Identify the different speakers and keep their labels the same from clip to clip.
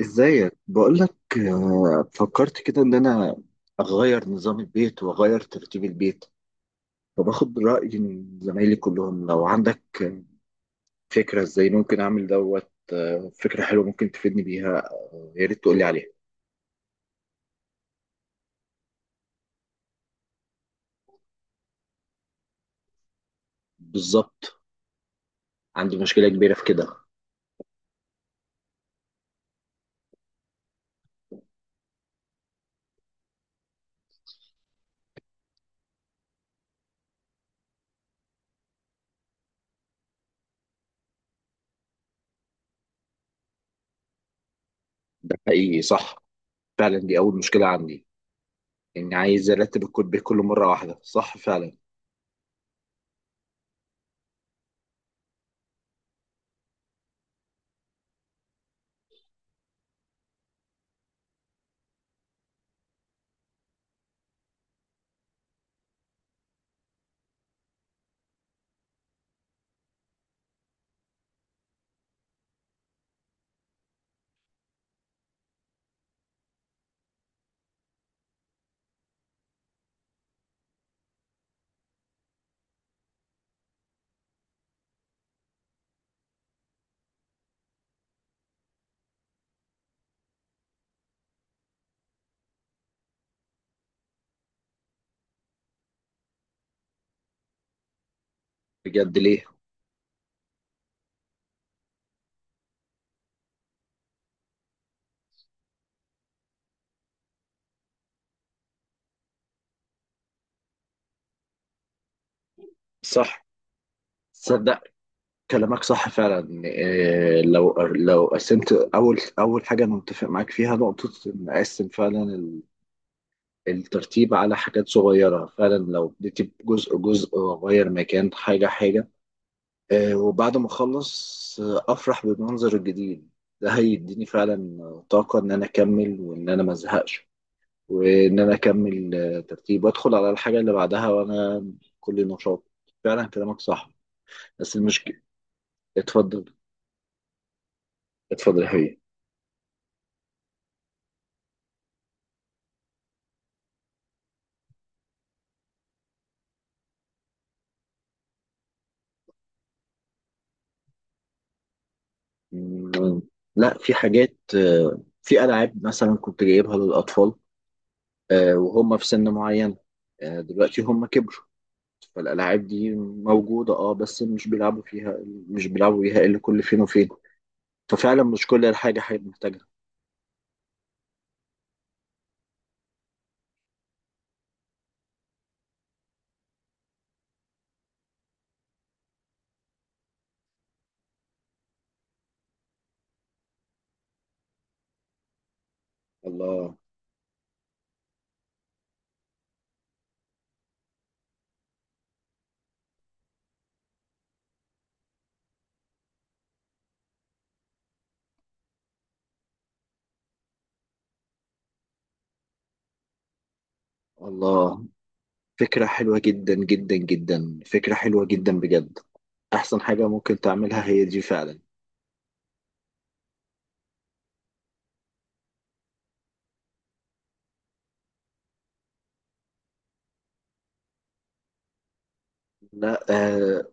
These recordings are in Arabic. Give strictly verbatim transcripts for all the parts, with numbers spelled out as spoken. Speaker 1: ازيك. بقولك، آه، فكرت كده ان انا اغير نظام البيت واغير ترتيب البيت، فباخد رأي من زمايلي كلهم. لو عندك، آه، فكرة ازاي ممكن اعمل دوت. آه، فكرة حلوة ممكن تفيدني بيها، آه، يا ريت تقولي عليها. بالظبط، عندي مشكلة كبيرة في كده. ده حقيقي صح، فعلا دي اول مشكلة عندي، اني عايز ارتب الكود بكل مرة واحدة. صح فعلا. بجد ليه؟ صح. تصدق كلامك صح فعلا. إيه، لو لو قسمت اول اول حاجه، انا متفق معاك فيها نقطه، ان اقسم فعلا ال- الترتيب على حاجات صغيره. فعلا لو اديت جزء جزء واغير مكان حاجه حاجه. إيه، وبعد ما اخلص، آه، افرح بالمنظر الجديد. ده هيديني فعلا طاقه ان انا اكمل وان انا ما ازهقش، وان انا اكمل آه، ترتيب وادخل على الحاجه اللي بعدها، وانا كل نشاط. فعلا كلامك صح. بس المشكله. اتفضل. اتفضل يا حبيبي. مم، لا. في حاجات، آه، في ألعاب مثلا كنت جايبها للأطفال، آه، وهم في سن معين. آه، دلوقتي هم كبروا، فالألعاب دي موجودة اه بس مش بيلعبوا فيها. مش بيلعبوا بيها إلا كل فين وفين. ففعلا مش كل الحاجة حاجة محتاجها. الله. الله، فكرة حلوة جدا جدا جدا. فكرة حلوة جدا بجد. أحسن حاجة ممكن تعملها هي دي فعلا. لا. آه،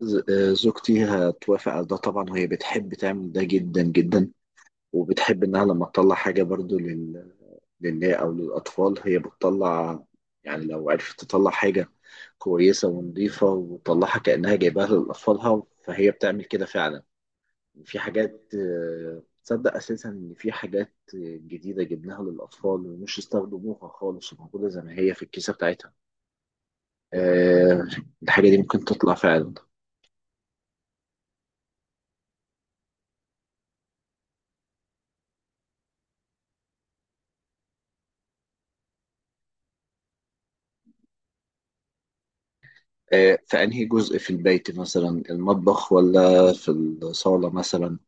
Speaker 1: ز- آه، زوجتي هتوافق على ده طبعا، وهي بتحب تعمل ده جدا جدا، وبتحب انها لما تطلع حاجه برضو لل... للناس او للاطفال. هي بتطلع يعني لو عرفت تطلع حاجه كويسه ونظيفه وتطلعها كانها جايباها لاطفالها، فهي بتعمل كده فعلا. في حاجات، آه، تصدق اساسا ان في حاجات جديده جبناها للاطفال ومش استخدموها خالص، وموجوده زي ما هي في الكيسه بتاعتها. آه، الحاجه دي ممكن تطلع فعلا. آه، في انهي جزء في البيت؟ مثلا المطبخ ولا في الصاله مثلا؟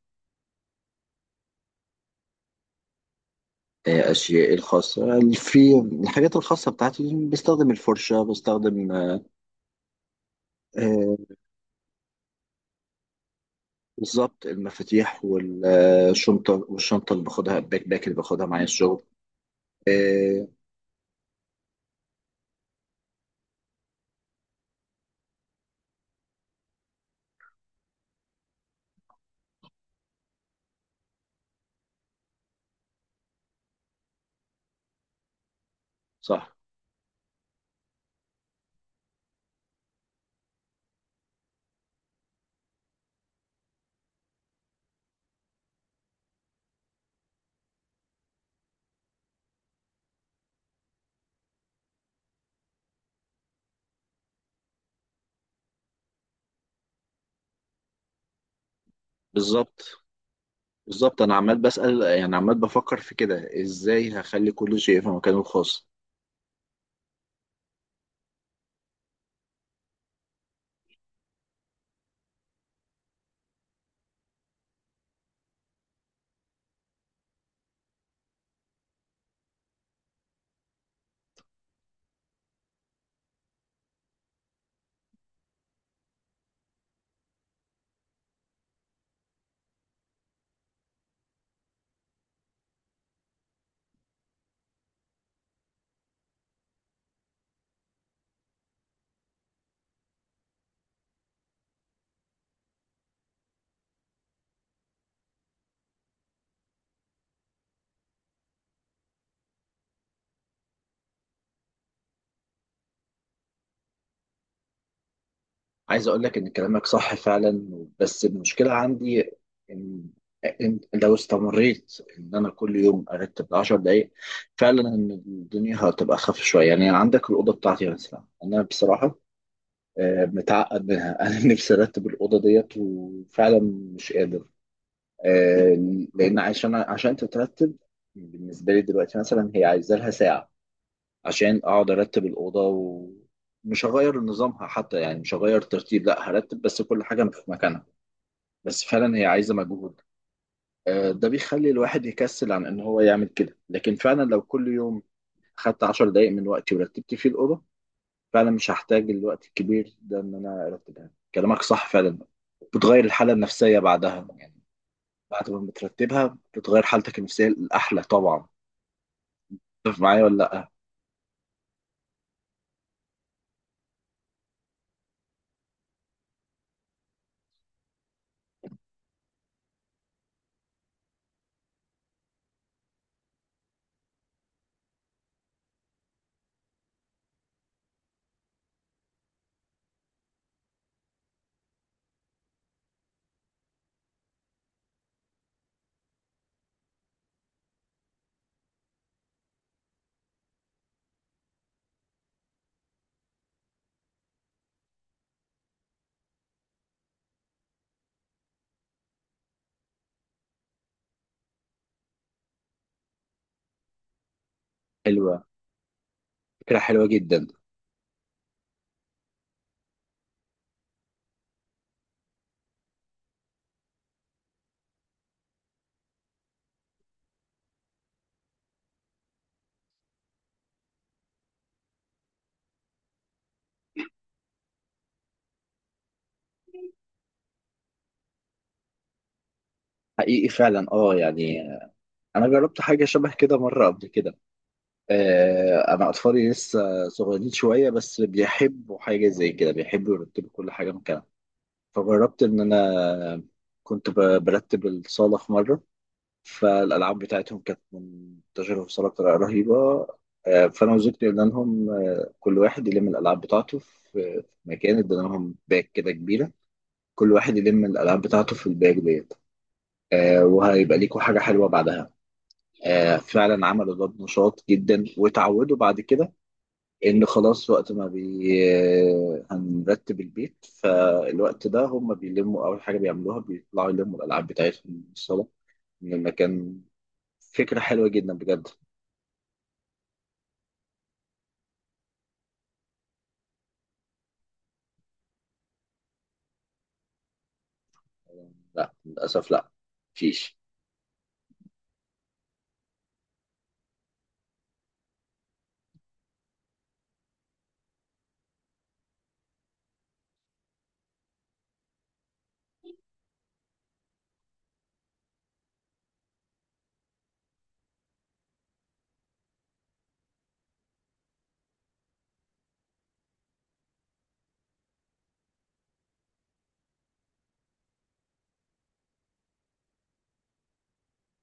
Speaker 1: آه، أشيائي الخاصة، في الحاجات الخاصة بتاعتي، بستخدم الفرشة، بستخدم آه، آه، بالظبط المفاتيح والشنطة، والشنطة اللي باخدها الباك باك اللي باخدها معايا الشغل. آه، صح. بالظبط. بالظبط أنا عمال بسأل، يعني عمال بفكر في كده إزاي هخلي كل شيء في مكانه الخاص. عايز اقول لك ان كلامك صح فعلا، بس المشكله عندي ان، إن لو استمريت ان انا كل يوم ارتب عشر دقائق، فعلا ان الدنيا هتبقى اخف شويه. يعني عندك الاوضه بتاعتي مثلا، انا بصراحه آه، متعقد منها انا نفسي ارتب الاوضه ديت وفعلا مش قادر، آه، لان عشان عشان تترتب بالنسبه لي دلوقتي مثلا، هي عايزه لها ساعه عشان اقعد ارتب الاوضه. ومش هغير نظامها حتى، يعني مش هغير ترتيب، لا هرتب بس كل حاجه في مكانها، بس فعلا هي عايزه مجهود. آه، ده بيخلي الواحد يكسل عن ان هو يعمل كده. لكن فعلا لو كل يوم خدت عشر دقائق من وقتي ورتبت فيه الاوضه، فعلا مش هحتاج الوقت الكبير ده ان انا ارتبها. كلامك صح فعلا، بتغير الحاله النفسيه بعدها. يعني بعد ما بترتبها بتغير حالتك النفسيه الاحلى طبعا. تتفق معايا ولا لا؟ حلوه، فكره حلوه جدا. حقيقي فعلا اه، يعني انا جربت حاجه شبه كده مره قبل كده. آه، انا اطفالي لسه صغيرين شويه، بس بيحبوا حاجه زي كده، بيحبوا يرتبوا كل حاجه مكانها. فجربت ان انا كنت ب- برتب الصاله في مره، فالالعاب بتاعتهم كانت منتشره في الصاله بطريقه رهيبه. آه، فانا وزوجتي قلنا لهم، آه، كل واحد يلم الالعاب بتاعته في، في مكان، ادينا لهم باك كده كبيره. كل واحد يلم الالعاب بتاعته في الباك ديت، آه، وهيبقى ليكوا حاجه حلوه بعدها. آه، فعلا عملوا ده بنشاط جدا، وتعودوا بعد كده ان خلاص وقت ما بي، آه، هنرتب البيت، فالوقت ده هم بيلموا. اول حاجه بيعملوها بيطلعوا يلموا الالعاب بتاعتهم من الصاله، من المكان. فكره حلوه جدا بجد. لا للاسف لا، مفيش.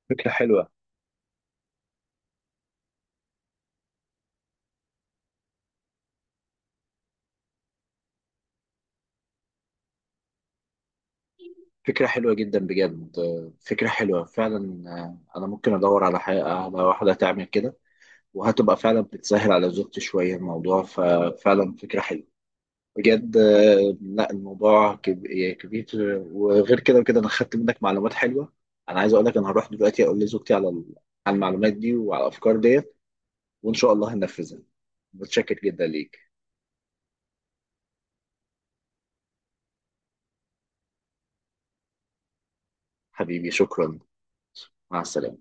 Speaker 1: فكره حلوه. فكره حلوه جدا بجد، آه، فكره حلوه فعلا. آه، انا ممكن ادور على حاجه، على واحده تعمل كده، وهتبقى فعلا بتسهل على زوجتي شويه الموضوع، ففعلا فكره حلوه بجد. آه، لا الموضوع كب- يعني كبير، وغير كده وكده انا خدت منك معلومات حلوه. انا عايز اقول لك انا هروح دلوقتي اقول لزوجتي على ال- على المعلومات دي وعلى الافكار ديت، وان شاء الله هننفذها. متشكر جدا ليك. حبيبي شكرا. مع السلامه.